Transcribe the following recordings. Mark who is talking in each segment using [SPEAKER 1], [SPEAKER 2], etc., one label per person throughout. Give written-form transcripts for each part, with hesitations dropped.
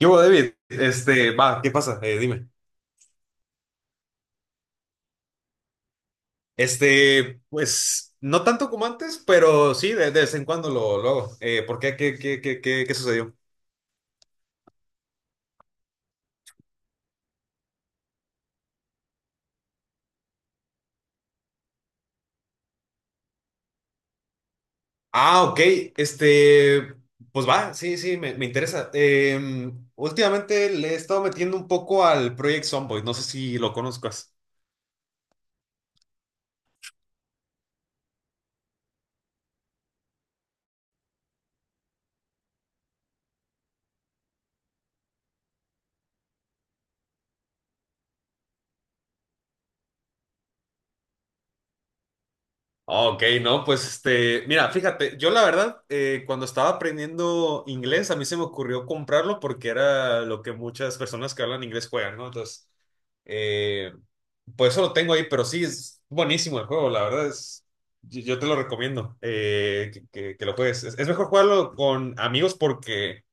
[SPEAKER 1] Yo, David, va, ¿qué pasa? Dime. Pues, no tanto como antes, pero sí, de vez en cuando lo hago. ¿Por qué? ¿Qué sucedió? Ah, ok, este, pues va, sí, sí, me interesa. Últimamente le he estado metiendo un poco al Project Zomboid, no sé si lo conozcas. Ah, ok, no, pues mira, fíjate, yo la verdad, cuando estaba aprendiendo inglés, a mí se me ocurrió comprarlo porque era lo que muchas personas que hablan inglés juegan, ¿no? Entonces, eh, pues eso lo tengo ahí, pero sí, es buenísimo el juego, la verdad es, yo te lo recomiendo, que lo juegues. Es mejor jugarlo con amigos porque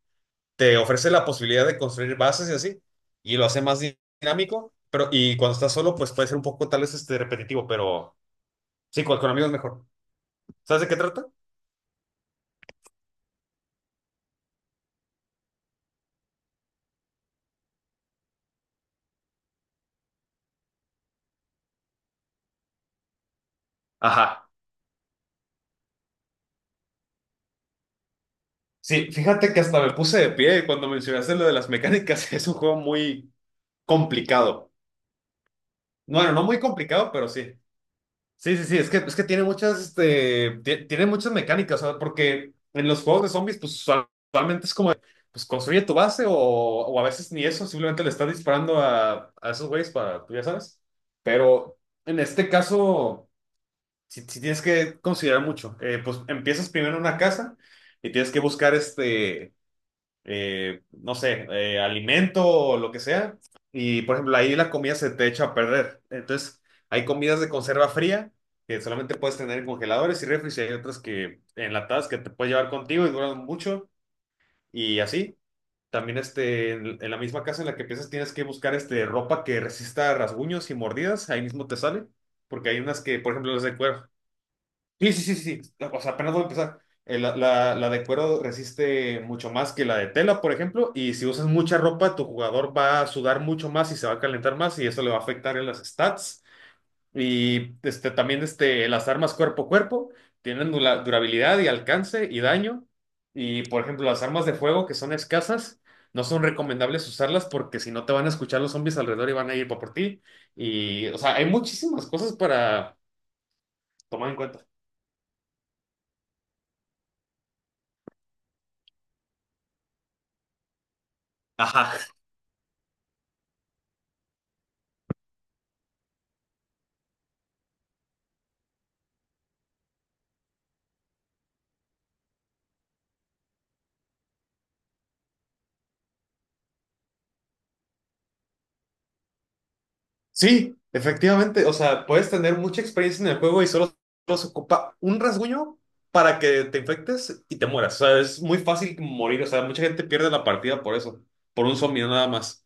[SPEAKER 1] te ofrece la posibilidad de construir bases y así, y lo hace más dinámico, pero y cuando estás solo, pues puede ser un poco tal vez repetitivo, pero sí, con amigos es mejor. ¿Sabes de qué trata? Ajá. Sí, fíjate que hasta me puse de pie cuando mencionaste lo de las mecánicas. Es un juego muy complicado. Bueno, no muy complicado, pero sí. Sí, sí, sí. Es que tiene muchas, tiene muchas mecánicas, o sea, porque en los juegos de zombies, pues usualmente es como, pues construye tu base o a veces ni eso, simplemente le estás disparando a esos güeyes para, tú ya sabes. Pero en este caso, si tienes que considerar mucho. Pues empiezas primero en una casa y tienes que buscar no sé, alimento o lo que sea. Y por ejemplo, ahí la comida se te echa a perder. Entonces, hay comidas de conserva fría que solamente puedes tener en congeladores y refris, y hay otras que enlatadas que te puedes llevar contigo y duran mucho. Y así. También en la misma casa en la que piensas tienes que buscar ropa que resista rasguños y mordidas. Ahí mismo te sale. Porque hay unas que, por ejemplo, las de cuero. Sí, sí, sí, sí. Sí. O sea, apenas voy a empezar. La de cuero resiste mucho más que la de tela, por ejemplo, y si usas mucha ropa, tu jugador va a sudar mucho más y se va a calentar más y eso le va a afectar en las stats. Y también las armas cuerpo a cuerpo tienen durabilidad y alcance y daño. Y por ejemplo, las armas de fuego que son escasas, no son recomendables usarlas porque si no te van a escuchar los zombies alrededor y van a ir por ti. Y, o sea, hay muchísimas cosas para tomar en cuenta. Ajá. Sí, efectivamente. O sea, puedes tener mucha experiencia en el juego y solo se ocupa un rasguño para que te infectes y te mueras. O sea, es muy fácil morir. O sea, mucha gente pierde la partida por eso. Por un zombie no nada más.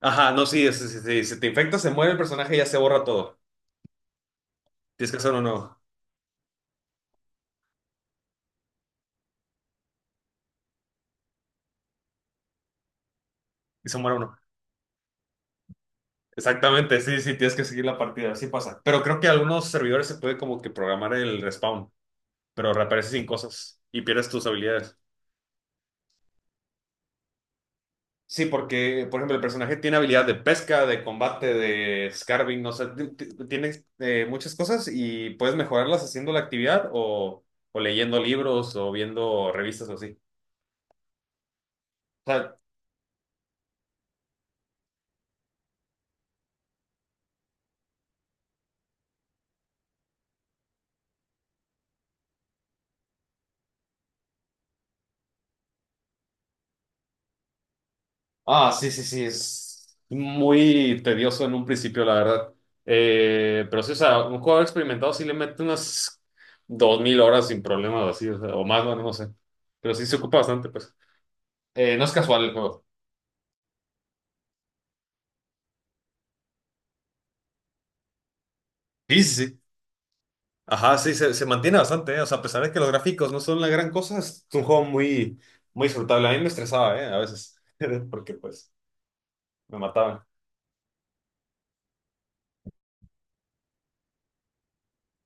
[SPEAKER 1] Ajá, no, sí, sí, sí, sí. Si te infectas, se muere el personaje y ya se borra todo. Tienes que hacer uno nuevo. Y se muere uno. Exactamente, sí, sí, tienes que seguir la partida. Así pasa. Pero creo que algunos servidores se puede como que programar el respawn, pero reaparece sin cosas y pierdes tus habilidades. Sí, porque, por ejemplo, el personaje tiene habilidad de pesca, de combate, de scarving, no sé, tiene muchas cosas y puedes mejorarlas haciendo la actividad o leyendo libros o viendo revistas o así. O sea, ah, sí, sí, sí, es muy tedioso en un principio, la verdad. Pero sí, o sea, un jugador experimentado sí le mete unas 2,000 horas sin problemas, así, o sea, o más, bueno, no sé. Pero sí se ocupa bastante, pues. No es casual el juego. Sí, sí, sí. Ajá, sí, se mantiene bastante, ¿eh? O sea, a pesar de que los gráficos no son la gran cosa, es un juego muy, muy disfrutable. A mí me estresaba, ¿eh? A veces, porque pues me mataban.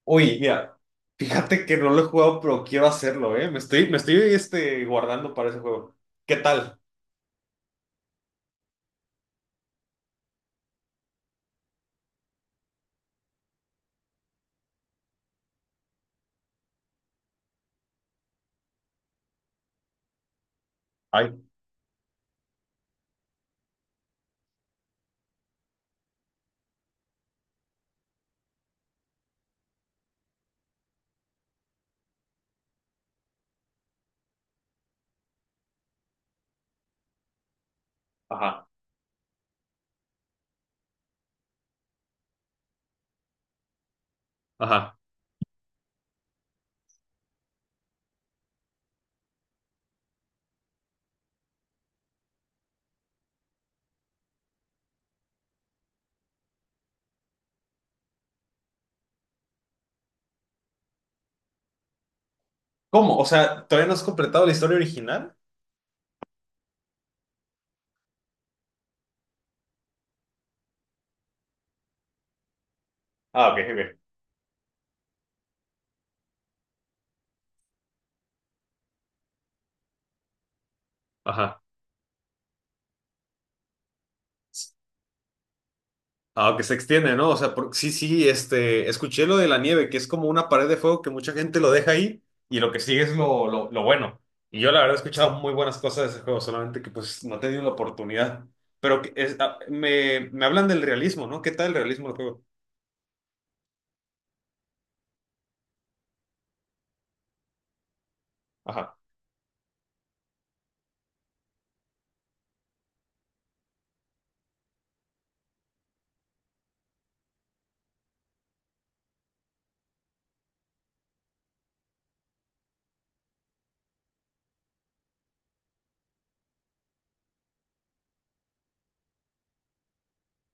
[SPEAKER 1] Uy, mira, fíjate que no lo he jugado, pero quiero hacerlo, ¿eh? Me estoy guardando para ese juego. ¿Qué tal? Ay. Ajá, ajá. ¿Cómo? O sea, ¿todavía no has completado la historia original? Ah, ok, ok. Ajá. Aunque se extiende, ¿no? O sea, sí, sí, escuché lo de la nieve, que es como una pared de fuego que mucha gente lo deja ahí y lo que sigue es lo bueno. Y yo la verdad he escuchado muy buenas cosas de ese juego, solamente que pues no he tenido la oportunidad. Pero me hablan del realismo, ¿no? ¿Qué tal el realismo del juego? Ajá.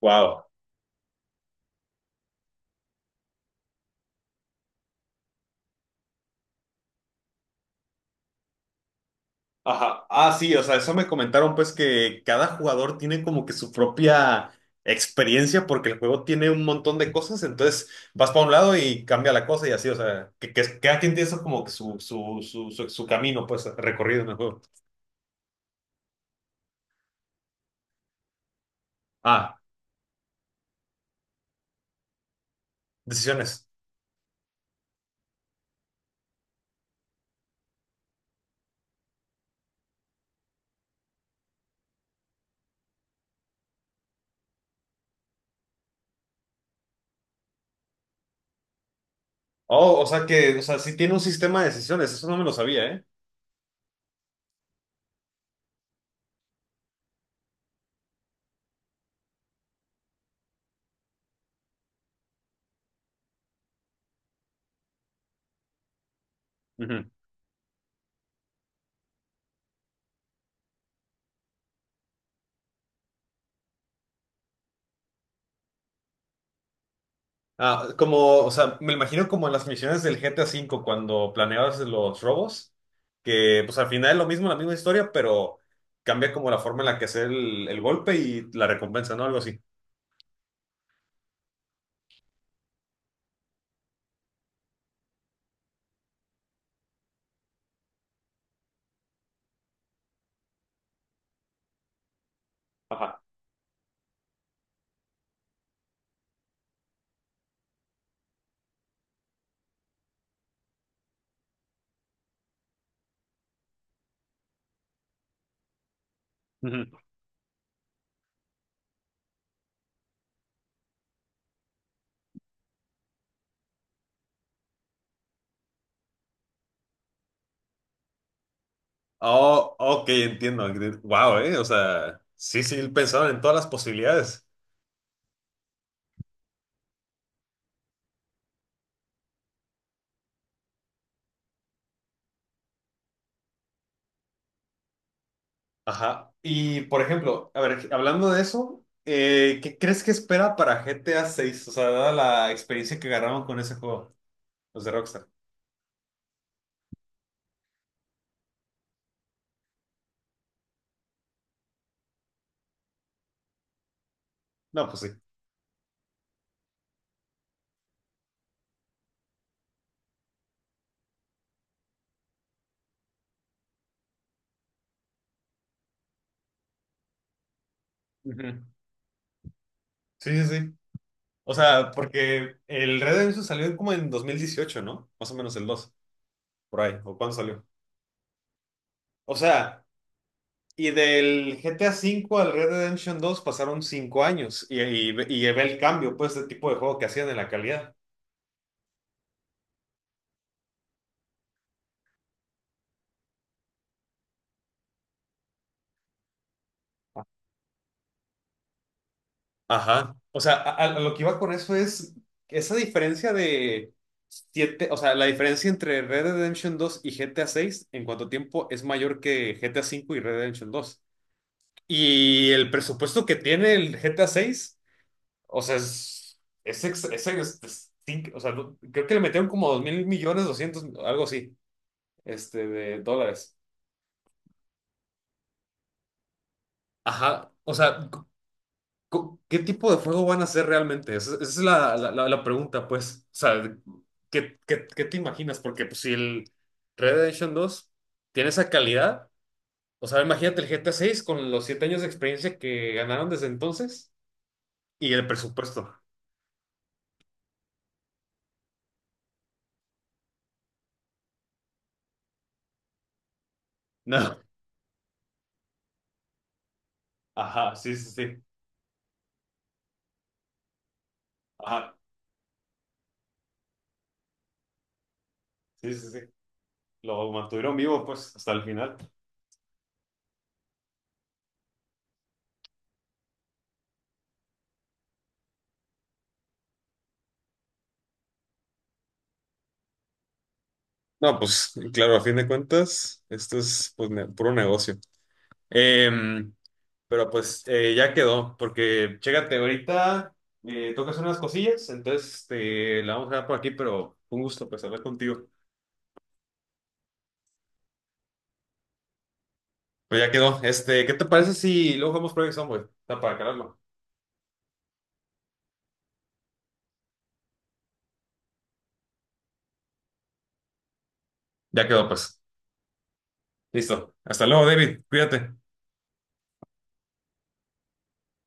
[SPEAKER 1] Wow. Ajá. Ah, sí, o sea, eso me comentaron pues que cada jugador tiene como que su propia experiencia porque el juego tiene un montón de cosas, entonces vas para un lado y cambia la cosa y así, o sea, que cada quien tiene eso como que su camino pues recorrido en el juego. Ah, decisiones. Oh, o sea que, o sea, sí tiene un sistema de decisiones, eso no me lo sabía, ¿eh? Ah, como, o sea, me imagino como en las misiones del GTA V cuando planeabas los robos, que pues al final es lo mismo, la misma historia, pero cambia como la forma en la que hacer el golpe y la recompensa, ¿no? Algo así. Ajá. Ujú. Oh, ok, entiendo. Wow, o sea, sí, sí, pensaron en todas las posibilidades. Ajá. Y por ejemplo, a ver, hablando de eso, ¿qué crees que espera para GTA seis? O sea, dada la experiencia que agarraron con ese juego, los de Rockstar. No, pues sí. Ujú. Sí, sí, sí. O sea, porque el Red Dead Redemption salió como en 2018, ¿no? Más o menos el 2 por ahí, o cuándo salió. O sea, y del GTA cinco al Red Dead Redemption 2 pasaron 5 años y ve el cambio, pues, de tipo de juego que hacían en la calidad. Ajá. O sea, a lo que iba con eso es esa diferencia de 7, o sea, la diferencia entre Red Dead Redemption 2 y GTA seis en cuanto a tiempo es mayor que GTA cinco y Red Dead Redemption 2. Y el presupuesto que tiene el GTA seis. O sea, sí, o sea, creo que le metieron como 2,000 millones, 200, algo así, de dólares. Ajá, o sea, c- ¿qué tipo de juego van a hacer realmente? Esa es la pregunta, pues. O sea, ¿qué te imaginas? Porque pues, si el Red Dead Redemption dos tiene esa calidad, o sea, imagínate el GTA seis con los 7 años de experiencia que ganaron desde entonces y el presupuesto. No. Ajá, sí, sí, sí. Ajá, sí, sí, sí. Lo mantuvieron vivo, pues, hasta el final. No, pues claro, a fin de cuentas, esto es pues, puro negocio. Em, pero pues ya quedó, porque chécate, ahorita tocas unas cosillas, entonces la vamos a dejar por aquí, pero un gusto pues hablar contigo. Pues ya quedó. ¿Qué te parece si luego jugamos Project Zomboid? Está para calarlo. Ya quedó, pues. Listo. Hasta luego, David. Cuídate.